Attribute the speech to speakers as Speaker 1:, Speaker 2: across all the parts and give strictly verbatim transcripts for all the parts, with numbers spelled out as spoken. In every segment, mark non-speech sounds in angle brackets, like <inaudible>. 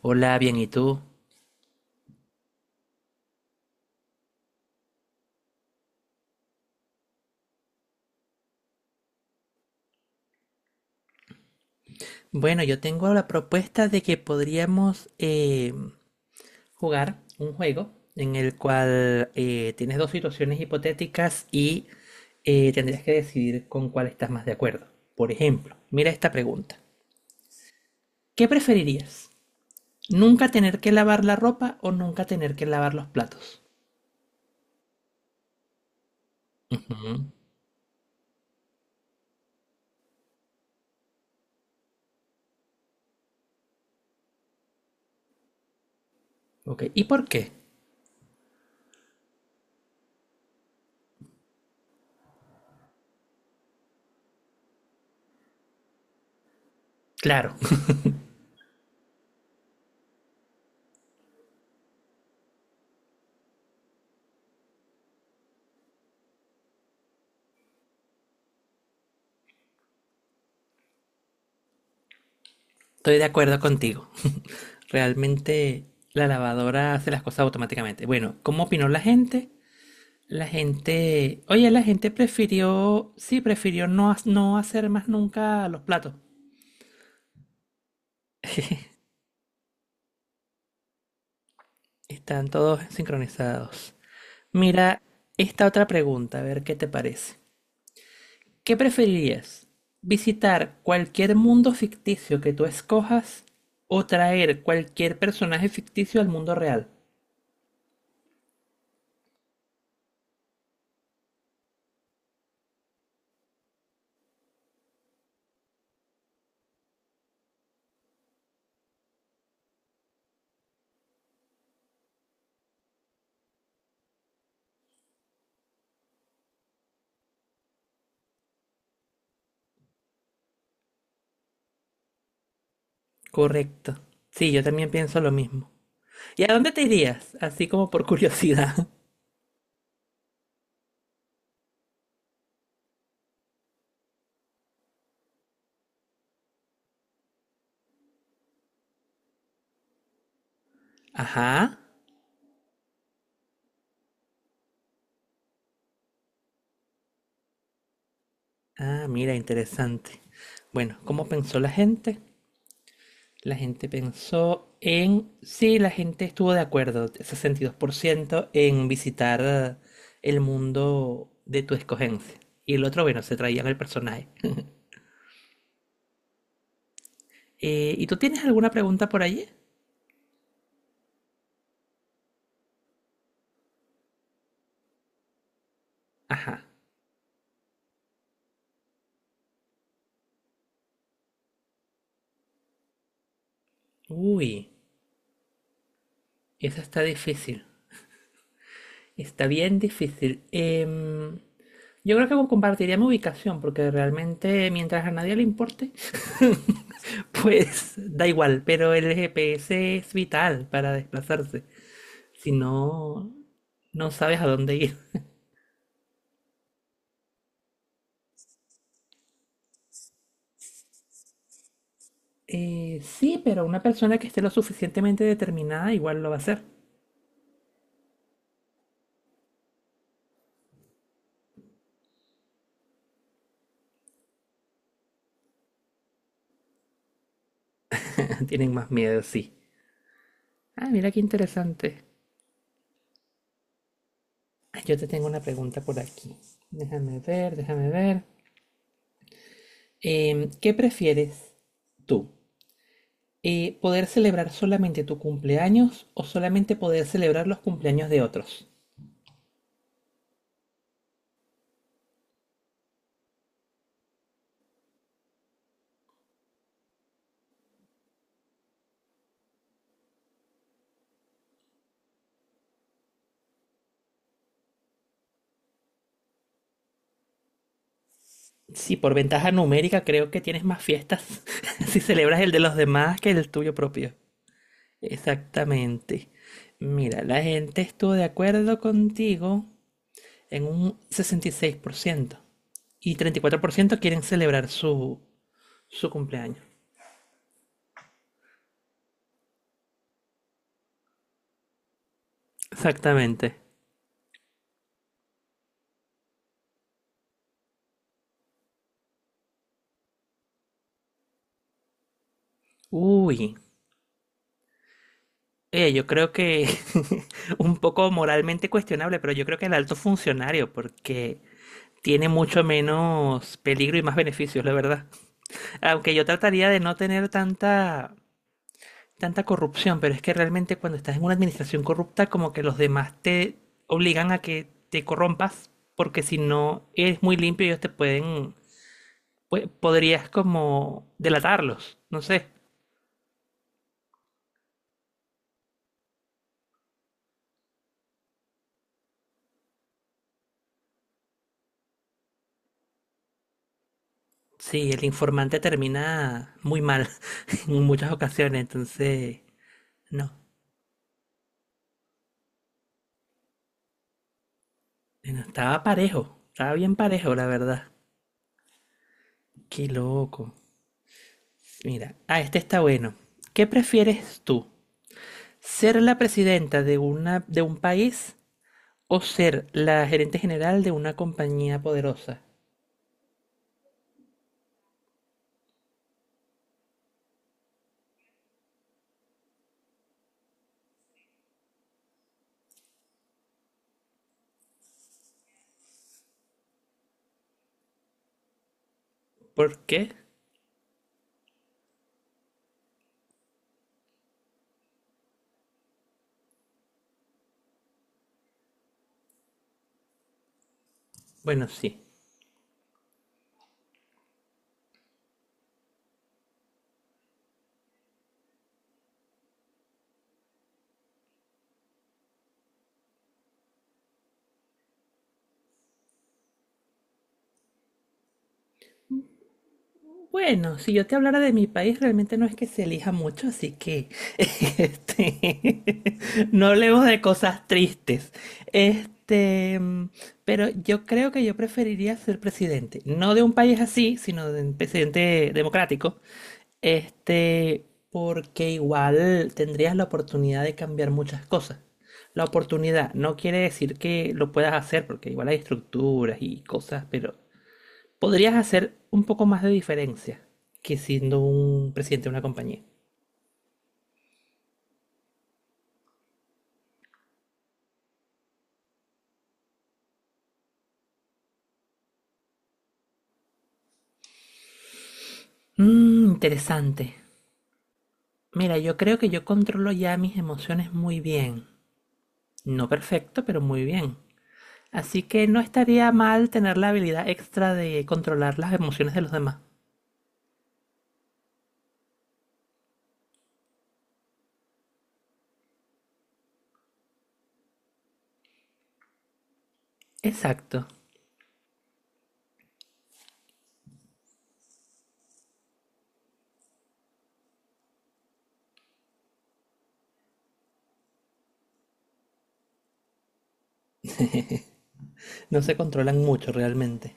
Speaker 1: Hola, bien, ¿y tú? Bueno, yo tengo la propuesta de que podríamos eh, jugar un juego en el cual eh, tienes dos situaciones hipotéticas y eh, tendrías que decidir con cuál estás más de acuerdo. Por ejemplo, mira esta pregunta. ¿Qué preferirías? ¿Nunca tener que lavar la ropa o nunca tener que lavar los platos? Ujú. Ok, ¿y por qué? Claro, <laughs> estoy de acuerdo contigo. Realmente la lavadora hace las cosas automáticamente. Bueno, ¿cómo opinó la gente? La gente, oye, la gente prefirió, sí, prefirió no, ha- no hacer más nunca los platos. <laughs> Están todos sincronizados. Mira esta otra pregunta, a ver qué te parece. ¿Qué preferirías? ¿Visitar cualquier mundo ficticio que tú escojas o traer cualquier personaje ficticio al mundo real? Correcto. Sí, yo también pienso lo mismo. ¿Y a dónde te irías? Así como por curiosidad. <laughs> Ajá. Ah, mira, interesante. Bueno, ¿cómo pensó la gente? La gente pensó en... Sí, la gente estuvo de acuerdo, sesenta y dos por ciento, en visitar eh, el mundo de tu escogencia. Y el otro, bueno, se traían el personaje. Eh, ¿y tú tienes alguna pregunta por allí? Ajá. Uy, esa está difícil. Está bien difícil. Em, Yo creo que compartiría mi ubicación, porque realmente mientras a nadie le importe, <laughs> pues da igual, pero el G P S es vital para desplazarse. Si no, no sabes a dónde ir. Eh, sí, pero una persona que esté lo suficientemente determinada igual lo va a hacer. <laughs> Tienen más miedo, sí. Ah, mira qué interesante. Ah, yo te tengo una pregunta por aquí. Déjame ver, déjame ver. Em, ¿qué prefieres tú? Eh, ¿poder celebrar solamente tu cumpleaños o solamente poder celebrar los cumpleaños de otros? Sí, por ventaja numérica creo que tienes más fiestas <laughs> si celebras el de los demás que el tuyo propio. Exactamente. Mira, la gente estuvo de acuerdo contigo en un sesenta y seis por por ciento y y treinta y cuatro por ciento quieren celebrar su, su cumpleaños. Exactamente. Uy, oye, yo creo que <laughs> un poco moralmente cuestionable, pero yo creo que el alto funcionario, porque tiene mucho menos peligro y más beneficios, la verdad. Aunque yo trataría de no tener tanta, tanta corrupción, pero es que realmente cuando estás en una administración corrupta, como que los demás te obligan a que te corrompas, porque si no eres muy limpio, ellos te pueden, pue- podrías como delatarlos, no sé. Sí, el informante termina muy mal <laughs> en muchas ocasiones, entonces no, no, estaba parejo, estaba bien parejo, la verdad. Qué loco. Mira, ah, este está bueno. ¿Qué prefieres tú? ¿Ser la presidenta de una, de un país o ser la gerente general de una compañía poderosa? ¿Por qué? Bueno, sí. Bueno, si yo te hablara de mi país, realmente no es que se elija mucho, así que <laughs> este, <laughs> no hablemos de cosas tristes. Este, mm, pero yo creo que yo preferiría ser presidente, no de un país así, sino de un presidente democrático. Este, Porque igual tendrías la oportunidad de cambiar muchas cosas. La oportunidad no quiere decir que lo puedas hacer, porque igual hay estructuras y cosas, pero podrías hacer un poco más de diferencia que siendo un presidente de una compañía. Mm, interesante. Mira, yo creo que yo controlo ya mis emociones muy bien. No perfecto, pero muy bien. Así que no estaría mal tener la habilidad extra de controlar las emociones de los demás. Exacto. No se controlan mucho realmente.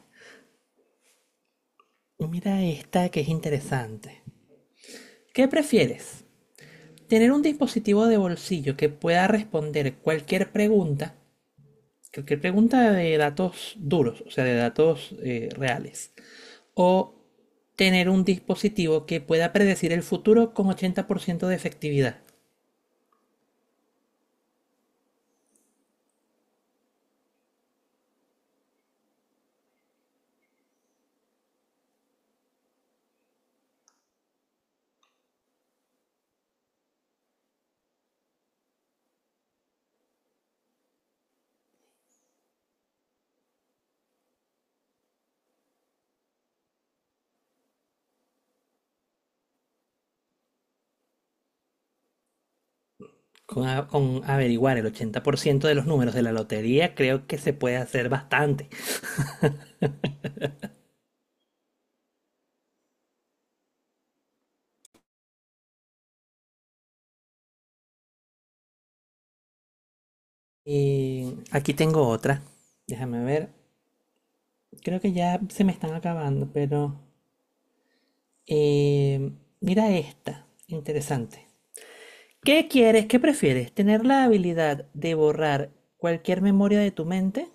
Speaker 1: Mira esta que es interesante. ¿Qué prefieres? ¿Tener un dispositivo de bolsillo que pueda responder cualquier pregunta? Creo que pregunta de datos duros, o sea, de datos eh, reales. ¿O tener un dispositivo que pueda predecir el futuro con ochenta por ciento de efectividad? Con, a- con averiguar el ochenta por ciento de los números de la lotería, creo que se puede hacer bastante. Y aquí tengo otra. Déjame ver. Creo que ya se me están acabando, pero eh, mira esta. Interesante. ¿Qué quieres? ¿Qué prefieres? ¿Tener la habilidad de borrar cualquier memoria de tu mente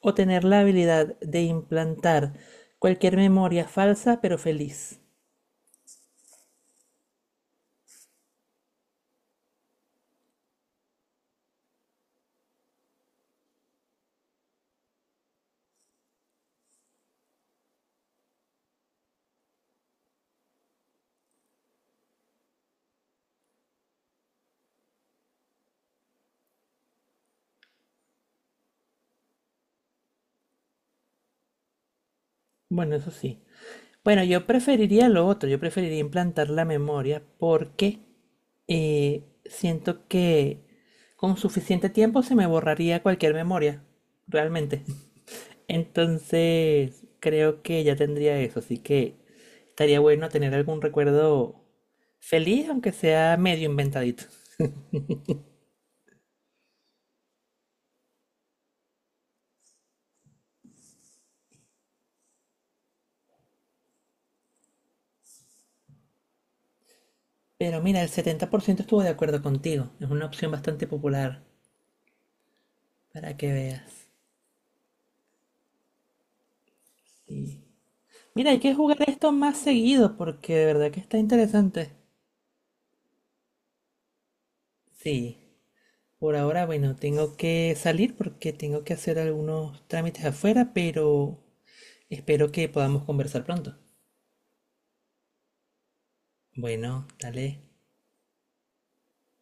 Speaker 1: o tener la habilidad de implantar cualquier memoria falsa pero feliz? Bueno, eso sí. Bueno, yo preferiría lo otro, yo preferiría implantar la memoria porque eh, siento que con suficiente tiempo se me borraría cualquier memoria, realmente. <laughs> Entonces, creo que ya tendría eso, así que estaría bueno tener algún recuerdo feliz, aunque sea medio inventadito. Pero mira, el setenta por ciento estuvo de acuerdo contigo. Es una opción bastante popular para que veas. Sí. Mira, hay que jugar esto más seguido porque de verdad que está interesante. Sí. Por ahora, bueno, tengo que salir porque tengo que hacer algunos trámites afuera, pero espero que podamos conversar pronto. Bueno, dale.